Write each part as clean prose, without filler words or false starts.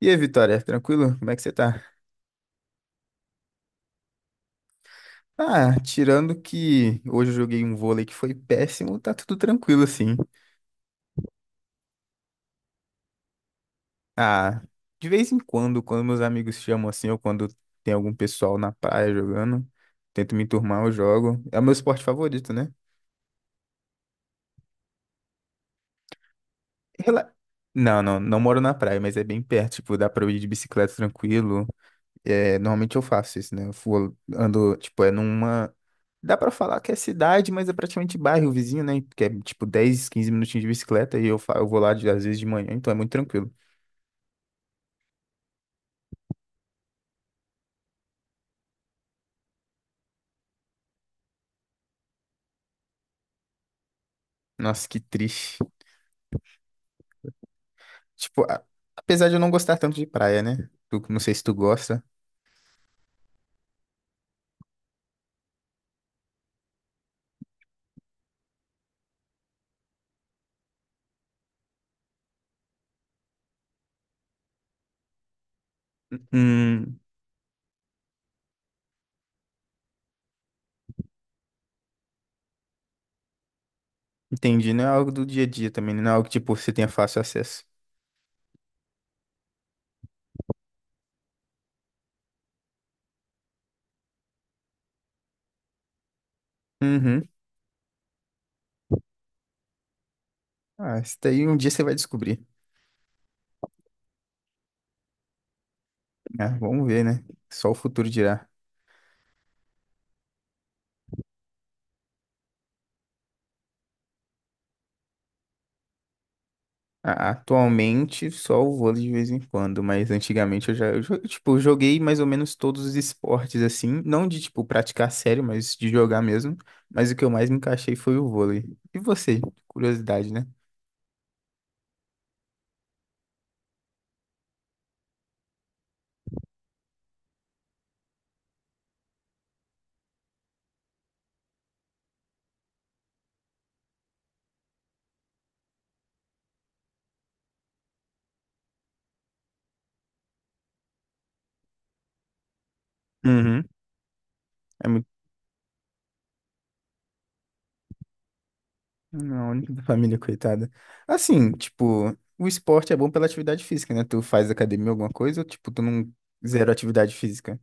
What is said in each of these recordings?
E aí, Vitória, tranquilo? Como é que você tá? Ah, tirando que hoje eu joguei um vôlei que foi péssimo, tá tudo tranquilo assim. Ah, de vez em quando, quando meus amigos chamam assim, ou quando tem algum pessoal na praia jogando, tento me enturmar, eu jogo. É o meu esporte favorito, né? Rela- Não, não moro na praia, mas é bem perto, tipo, dá pra eu ir de bicicleta tranquilo. É, normalmente eu faço isso, né? Ando, tipo, é numa. Dá pra falar que é cidade, mas é praticamente bairro vizinho, né? Que é tipo 10 ou 15 minutinhos de bicicleta e eu, eu vou lá às vezes de manhã, então é muito tranquilo. Nossa, que triste. Tipo, apesar de eu não gostar tanto de praia, né? Não sei se tu gosta. Hum, entendi. Não é algo do dia a dia também, né? Não é algo que, tipo, você tenha fácil acesso. Uhum. Ah, isso daí um dia você vai descobrir. Ah, vamos ver, né? Só o futuro dirá. Atualmente só o vôlei de vez em quando, mas antigamente eu já, eu, tipo, eu joguei mais ou menos todos os esportes assim, não de tipo praticar sério, mas de jogar mesmo. Mas o que eu mais me encaixei foi o vôlei. E você? Curiosidade, né? Uhum. É muito. Não, a única da família, coitada. Assim, tipo, o esporte é bom pela atividade física, né? Tu faz academia, alguma coisa, ou tipo, tu não zero atividade física?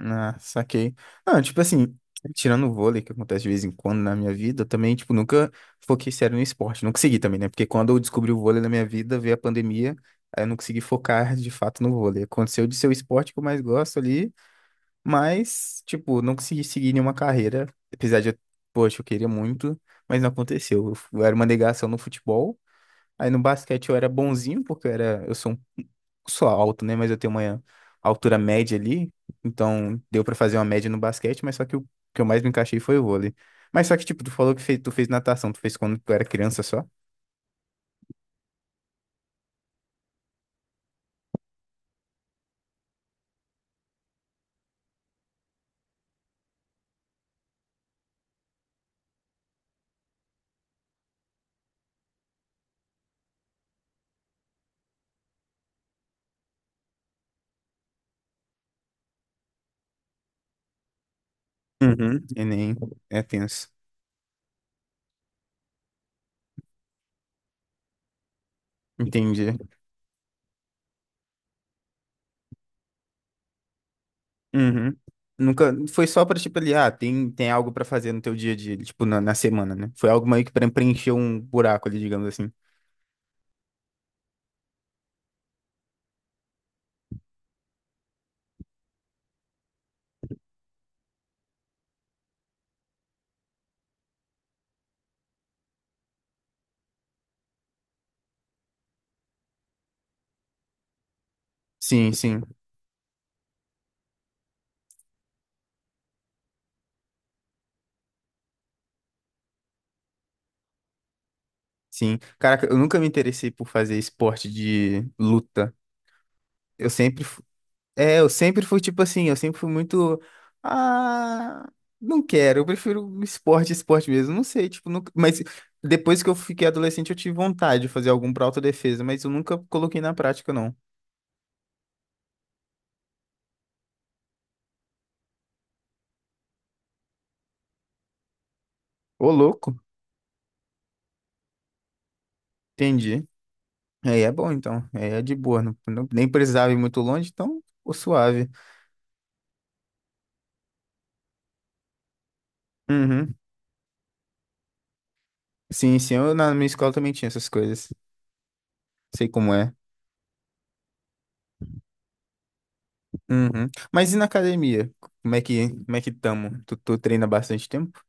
Ah, saquei. Não, tipo assim, tirando o vôlei, que acontece de vez em quando na minha vida, eu também, tipo, nunca foquei sério no esporte. Não consegui também, né? Porque quando eu descobri o vôlei na minha vida, veio a pandemia, aí eu não consegui focar de fato no vôlei. Aconteceu de ser o esporte que eu mais gosto ali, mas, tipo, não consegui seguir nenhuma carreira, apesar de, poxa, eu queria muito, mas não aconteceu. Eu era uma negação no futebol. Aí no basquete eu era bonzinho, porque eu era, eu sou um, sou alto, né? Mas eu tenho uma altura média ali, então deu pra fazer uma média no basquete, mas só que o que eu mais me encaixei foi o vôlei. Mas só que, tipo, tu falou que fez, tu fez natação, tu fez quando tu era criança só? Uhum. E nem é tenso. Entendi. Uhum. Nunca, foi só pra, tipo, ali, ah, tem, tem algo pra fazer no teu dia a dia, tipo, na, na semana, né? Foi algo meio que pra preencher um buraco ali, digamos assim. Sim, sim, sim. Caraca, eu nunca me interessei por fazer esporte de luta. Eu sempre, fu- É, eu sempre fui tipo assim, eu sempre fui muito, ah, não quero, eu prefiro um esporte, esporte mesmo, não sei, tipo, nunca, mas depois que eu fiquei adolescente eu tive vontade de fazer algum pra autodefesa, mas eu nunca coloquei na prática, não. Ô, louco, entendi. Aí é bom, então, aí é de boa, não, nem precisava ir muito longe, então, ô, suave. Uhum. Sim, sim, eu na minha escola também tinha essas coisas, sei como é. Uhum. Mas e na academia? Como é que tamo? Tu treina há bastante tempo?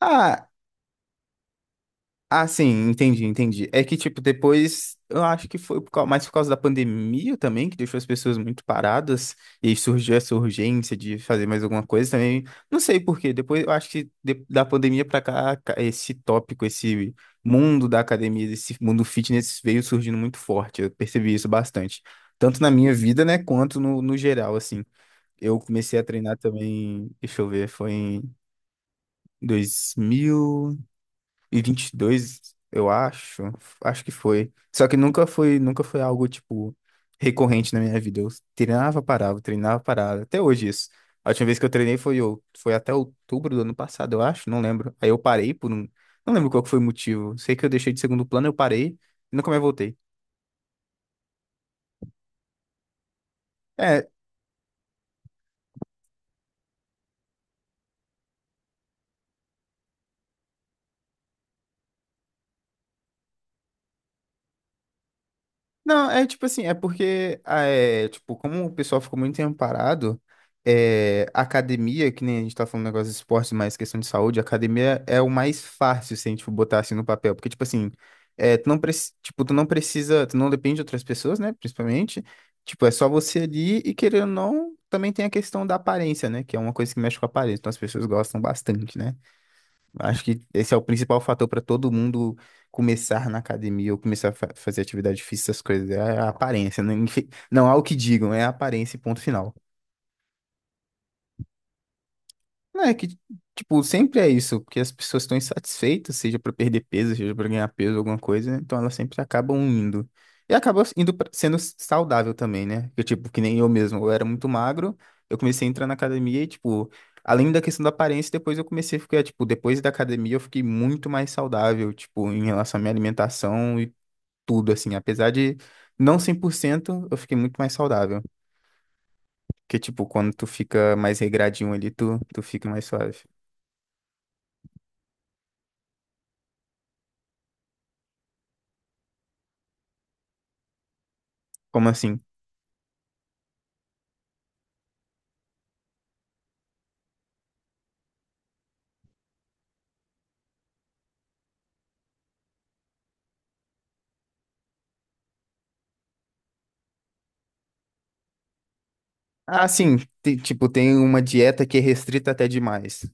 Ah, ah, sim, entendi, entendi. É que, tipo, depois, eu acho que foi por mais por causa da pandemia também, que deixou as pessoas muito paradas, e aí surgiu essa urgência de fazer mais alguma coisa também. Não sei por quê, depois eu acho que da pandemia pra cá, esse tópico, esse mundo da academia, esse mundo fitness veio surgindo muito forte, eu percebi isso bastante. Tanto na minha vida, né, quanto no, no geral, assim. Eu comecei a treinar também, deixa eu ver, foi em 2022 eu acho, acho que foi. Só que nunca foi algo tipo recorrente na minha vida. Eu treinava, parava, treinava, parava. Até hoje isso. A última vez que eu treinei foi foi até outubro do ano passado, eu acho, não lembro. Aí eu parei por um, não lembro qual que foi o motivo. Sei que eu deixei de segundo plano, eu parei e nunca mais voltei. É, não, é tipo assim, é porque, ah, é, tipo, como o pessoal ficou muito tempo parado, é, a academia, que nem a gente tá falando negócio de esporte, mas questão de saúde, a academia é o mais fácil, se a gente for botar assim no papel, porque, tipo assim, é, tu não, tipo, tu não precisa, tu não depende de outras pessoas, né, principalmente, tipo, é só você ali e querendo ou não, também tem a questão da aparência, né, que é uma coisa que mexe com a aparência, então as pessoas gostam bastante, né. Acho que esse é o principal fator para todo mundo começar na academia ou começar a fazer atividade física, essas coisas. É a aparência. Não, não há o que digam, é a aparência, e ponto final. Não, é que, tipo, sempre é isso, porque as pessoas estão insatisfeitas, seja pra perder peso, seja pra ganhar peso, alguma coisa, né? Então elas sempre acabam indo. E acaba indo sendo saudável também, né? Eu, tipo, que nem eu mesmo, eu era muito magro, eu comecei a entrar na academia e, tipo, além da questão da aparência, depois eu comecei a ficar, tipo, depois da academia eu fiquei muito mais saudável, tipo, em relação à minha alimentação e tudo, assim, apesar de não 100% eu fiquei muito mais saudável. Porque, tipo, quando tu fica mais regradinho ali, tu fica mais suave. Como assim? Ah, sim, tipo, tem uma dieta que é restrita até demais.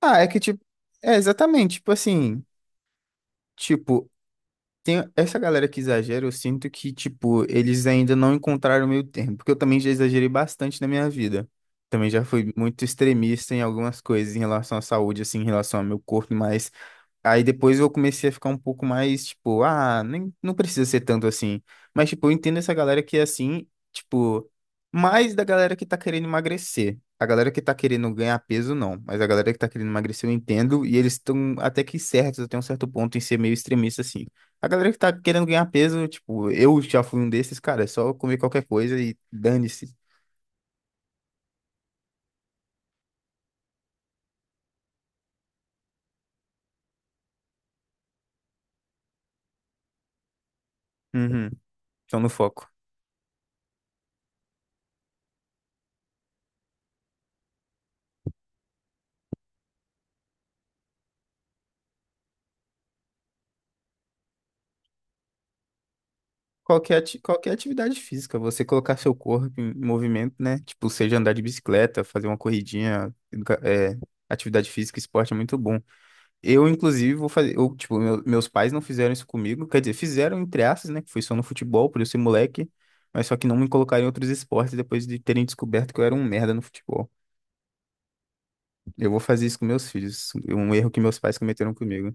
Ah, é que tipo, é exatamente, tipo assim, tipo, tem essa galera que exagera, eu sinto que, tipo, eles ainda não encontraram o meio termo, porque eu também já exagerei bastante na minha vida. Também já fui muito extremista em algumas coisas em relação à saúde, assim, em relação ao meu corpo, mas aí depois eu comecei a ficar um pouco mais, tipo, ah, nem, não precisa ser tanto assim. Mas, tipo, eu entendo essa galera que é assim, tipo, mais da galera que tá querendo emagrecer. A galera que tá querendo ganhar peso, não. Mas a galera que tá querendo emagrecer, eu entendo, e eles estão até que certos, até um certo ponto, em ser meio extremista, assim. A galera que tá querendo ganhar peso, tipo, eu já fui um desses, cara, é só comer qualquer coisa e dane-se. Uhum, estão no foco. Qualquer, qualquer atividade física, você colocar seu corpo em movimento, né? Tipo, seja andar de bicicleta, fazer uma corridinha, é, atividade física, esporte é muito bom. Eu, inclusive, vou fazer, eu, tipo, meus pais não fizeram isso comigo, quer dizer, fizeram entre aspas, né? Que foi só no futebol, por eu ser moleque, mas só que não me colocaram em outros esportes depois de terem descoberto que eu era um merda no futebol. Eu vou fazer isso com meus filhos, um erro que meus pais cometeram comigo.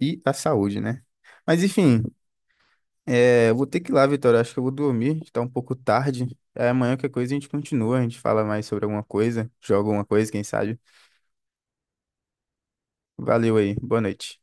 E a saúde, né? Mas enfim, é, eu vou ter que ir lá, Vitória. Acho que eu vou dormir, tá um pouco tarde. É, amanhã qualquer coisa a gente continua, a gente fala mais sobre alguma coisa, joga alguma coisa, quem sabe. Valeu aí, boa noite.